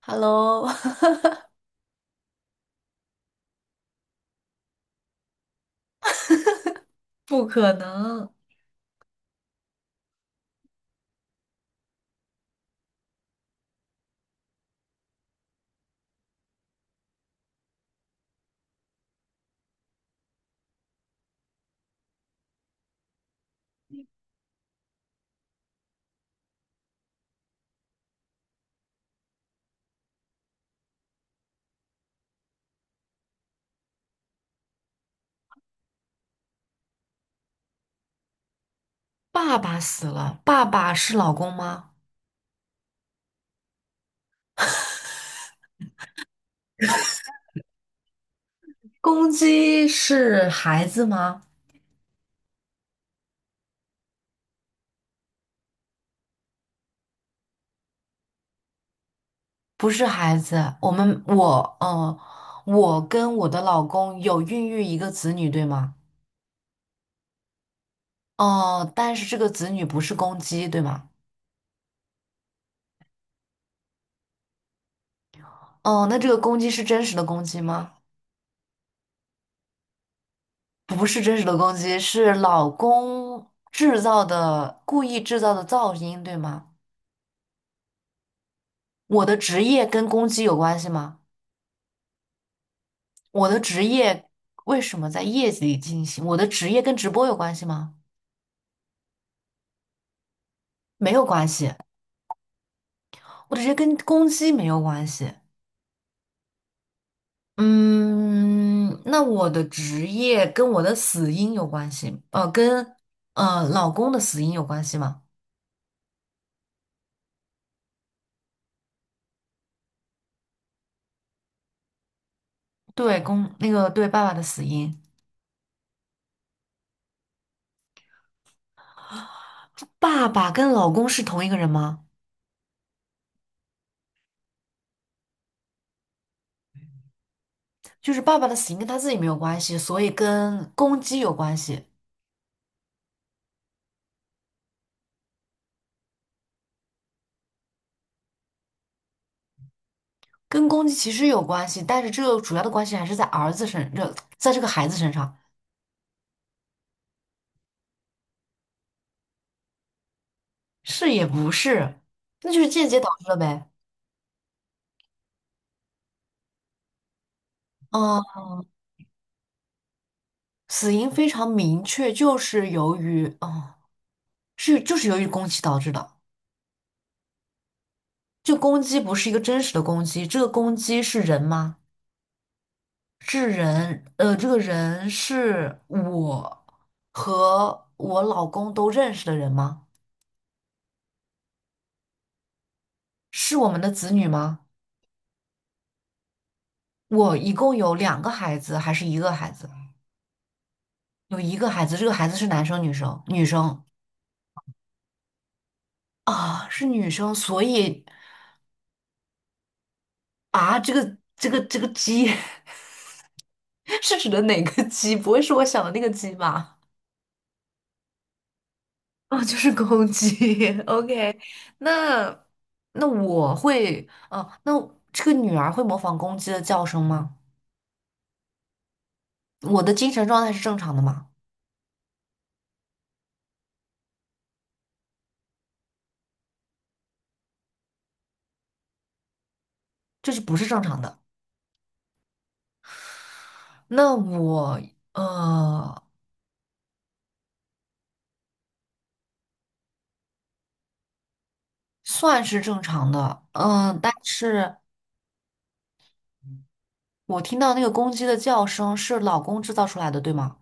Hello，不可能。爸爸死了，爸爸是老公吗？公鸡是孩子吗？不是孩子。我我跟我的老公有孕育一个子女，对吗？哦，但是这个子女不是公鸡，对吗？哦，那这个公鸡是真实的公鸡吗？不是真实的公鸡，是老公制造的，故意制造的噪音，对吗？我的职业跟公鸡有关系吗？我的职业为什么在业绩里进行？我的职业跟直播有关系吗？没有关系。我的职业跟攻击没有关系。嗯，那我的职业跟我的死因有关系，跟老公的死因有关系吗？对，公那个对爸爸的死因。爸爸跟老公是同一个人吗？就是爸爸的死因跟他自己没有关系，所以跟公鸡有关系。跟公鸡其实有关系，但是这个主要的关系还是在儿子身，这在这个孩子身上。是也不是。那就是间接导致了呗。嗯。死因非常明确，就是由于，就是由于攻击导致的。这攻击不是一个真实的攻击，这个攻击是人吗？是人，这个人是我和我老公都认识的人吗？是我们的子女吗？我一共有两个孩子，还是一个孩子？有一个孩子，这个孩子是男生女生？女生啊，是女生，所以。啊，这个鸡 是指的哪个鸡？不会是我想的那个鸡吧？哦，就是公鸡。OK。那那我会，啊，那这个女儿会模仿公鸡的叫声吗？我的精神状态是正常的吗？这是不是正常的？那我呃算是正常的，嗯，但是我听到那个公鸡的叫声是老公制造出来的，对吗？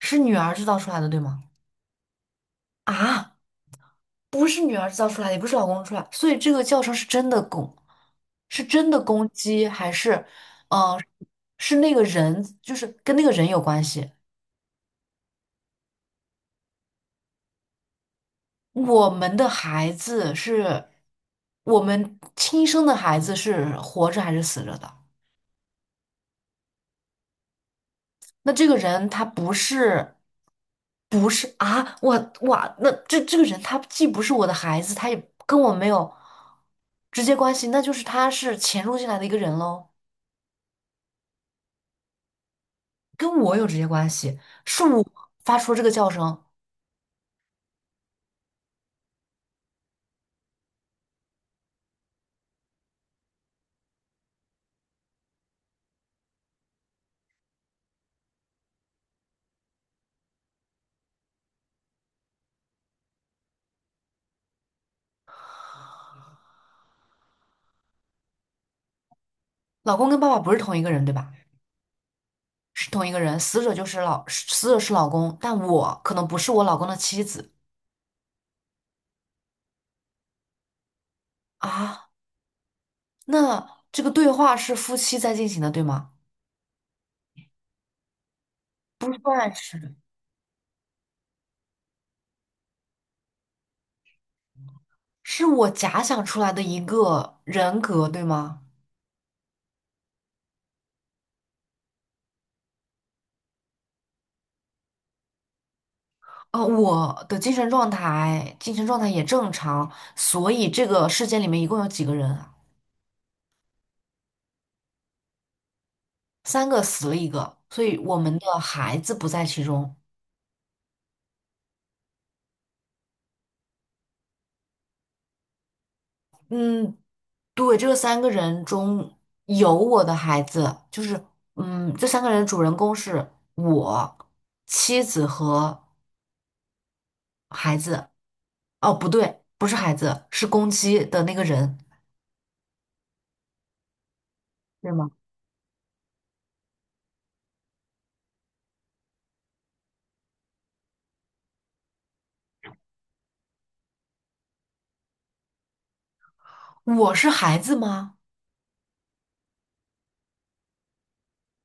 是女儿制造出来的，对吗？啊，不是女儿造出来的，也不是老公出来，所以这个叫声是真的攻，是真的攻击，还是，嗯、呃是那个人，就是跟那个人有关系。我们的孩子是，我们亲生的孩子是活着还是死了的？那这个人他不是，不是啊，我哇，那这个人他既不是我的孩子，他也跟我没有直接关系，那就是他是潜入进来的一个人喽。跟我有直接关系，是我发出这个叫声。老公跟爸爸不是同一个人，对吧？是同一个人，死者就是老，死者是老公，但我可能不是我老公的妻子啊。那这个对话是夫妻在进行的，对吗？不算是。是我假想出来的一个人格，对吗？我的精神状态，精神状态也正常，所以这个事件里面一共有几个人啊？三个死了一个，所以我们的孩子不在其中。嗯，对，这三个人中有我的孩子，就是嗯，这三个人的主人公是我、妻子和孩子。哦，不对，不是孩子，是公鸡的那个人，对吗？我是孩子吗？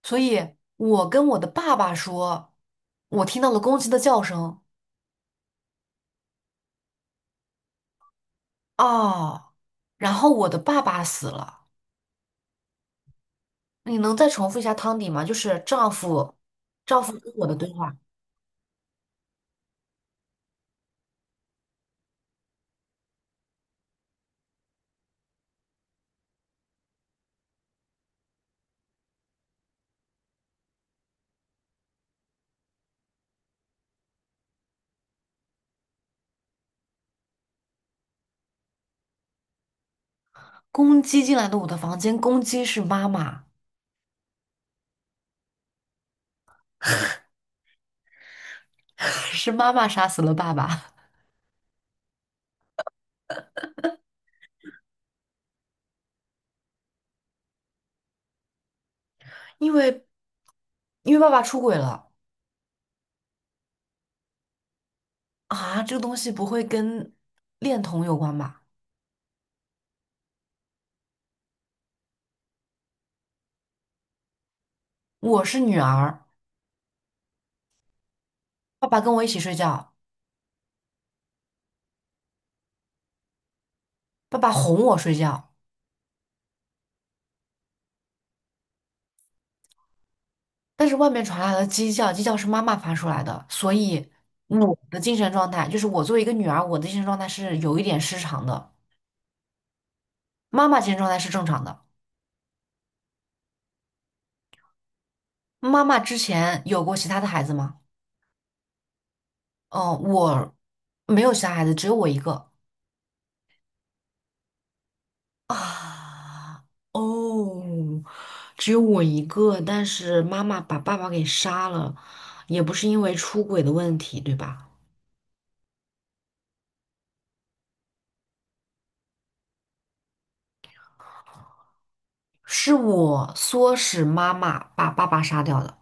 所以，我跟我的爸爸说，我听到了公鸡的叫声，哦，然后我的爸爸死了。你能再重复一下汤底吗？就是丈夫，丈夫跟我的对话。公鸡进来的我的房间，公鸡是妈妈，是妈妈杀死了爸爸。因为因为爸爸出轨了。啊，这个东西不会跟恋童有关吧？我是女儿，爸爸跟我一起睡觉，爸爸哄我睡觉，但是外面传来了鸡叫，鸡叫是妈妈发出来的，所以我的精神状态就是我作为一个女儿，我的精神状态是有一点失常的，妈妈精神状态是正常的。妈妈之前有过其他的孩子吗？嗯，我没有其他孩子，只有我一个。啊，哦，只有我一个，但是妈妈把爸爸给杀了，也不是因为出轨的问题，对吧？是我唆使妈妈把爸爸杀掉的。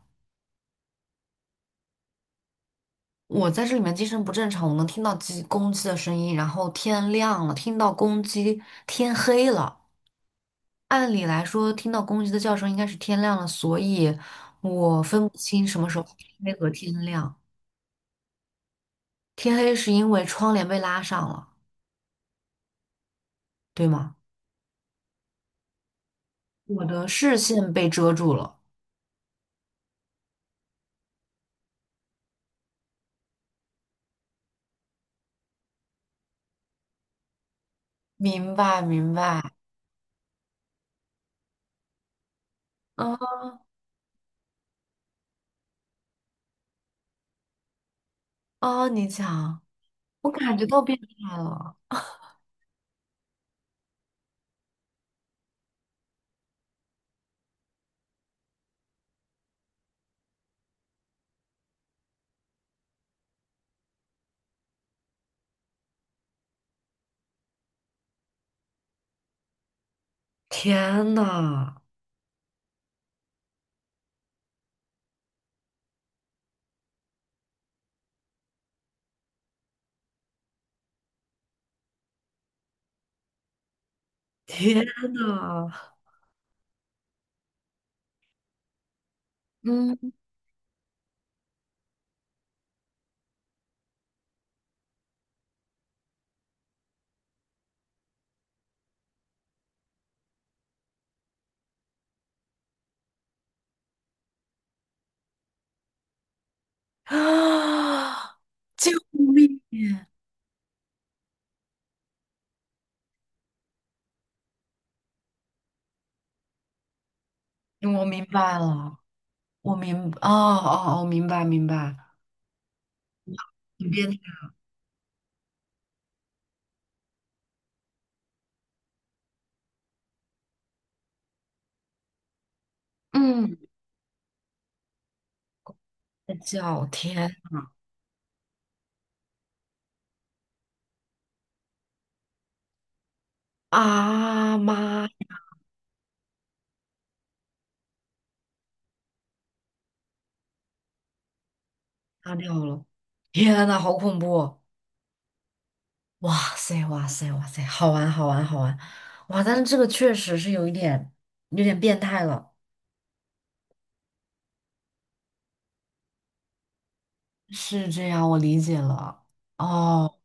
我在这里面精神不正常，我能听到鸡公鸡的声音，然后天亮了，听到公鸡，天黑了。按理来说，听到公鸡的叫声应该是天亮了，所以我分不清什么时候天黑和天亮。天黑是因为窗帘被拉上了，对吗？我的视线被遮住了。明白，明白。啊啊！你讲，我感觉到变态了。天呐，天呐！嗯啊，救命！我明白了，我明，哦哦，啊！明白，明白。你变态。嗯，在叫天啊妈，擦掉了！天呐，好恐怖！哇塞，哇塞，哇塞，好玩，好玩，好玩，哇！但是这个确实是有一点，有点变态了。是这样，我理解了。哦，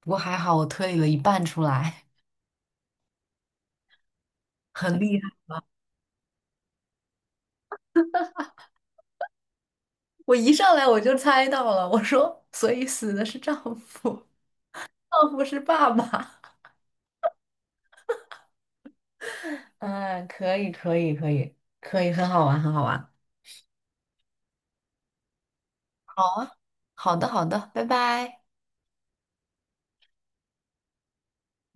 不过还好我推理了一半出来。很厉害。我一上来我就猜到了，我说，所以死的是丈夫，丈夫是爸爸。嗯，可以，可以，可以，可以，很好玩，很好玩。好啊，好的，好的，拜拜。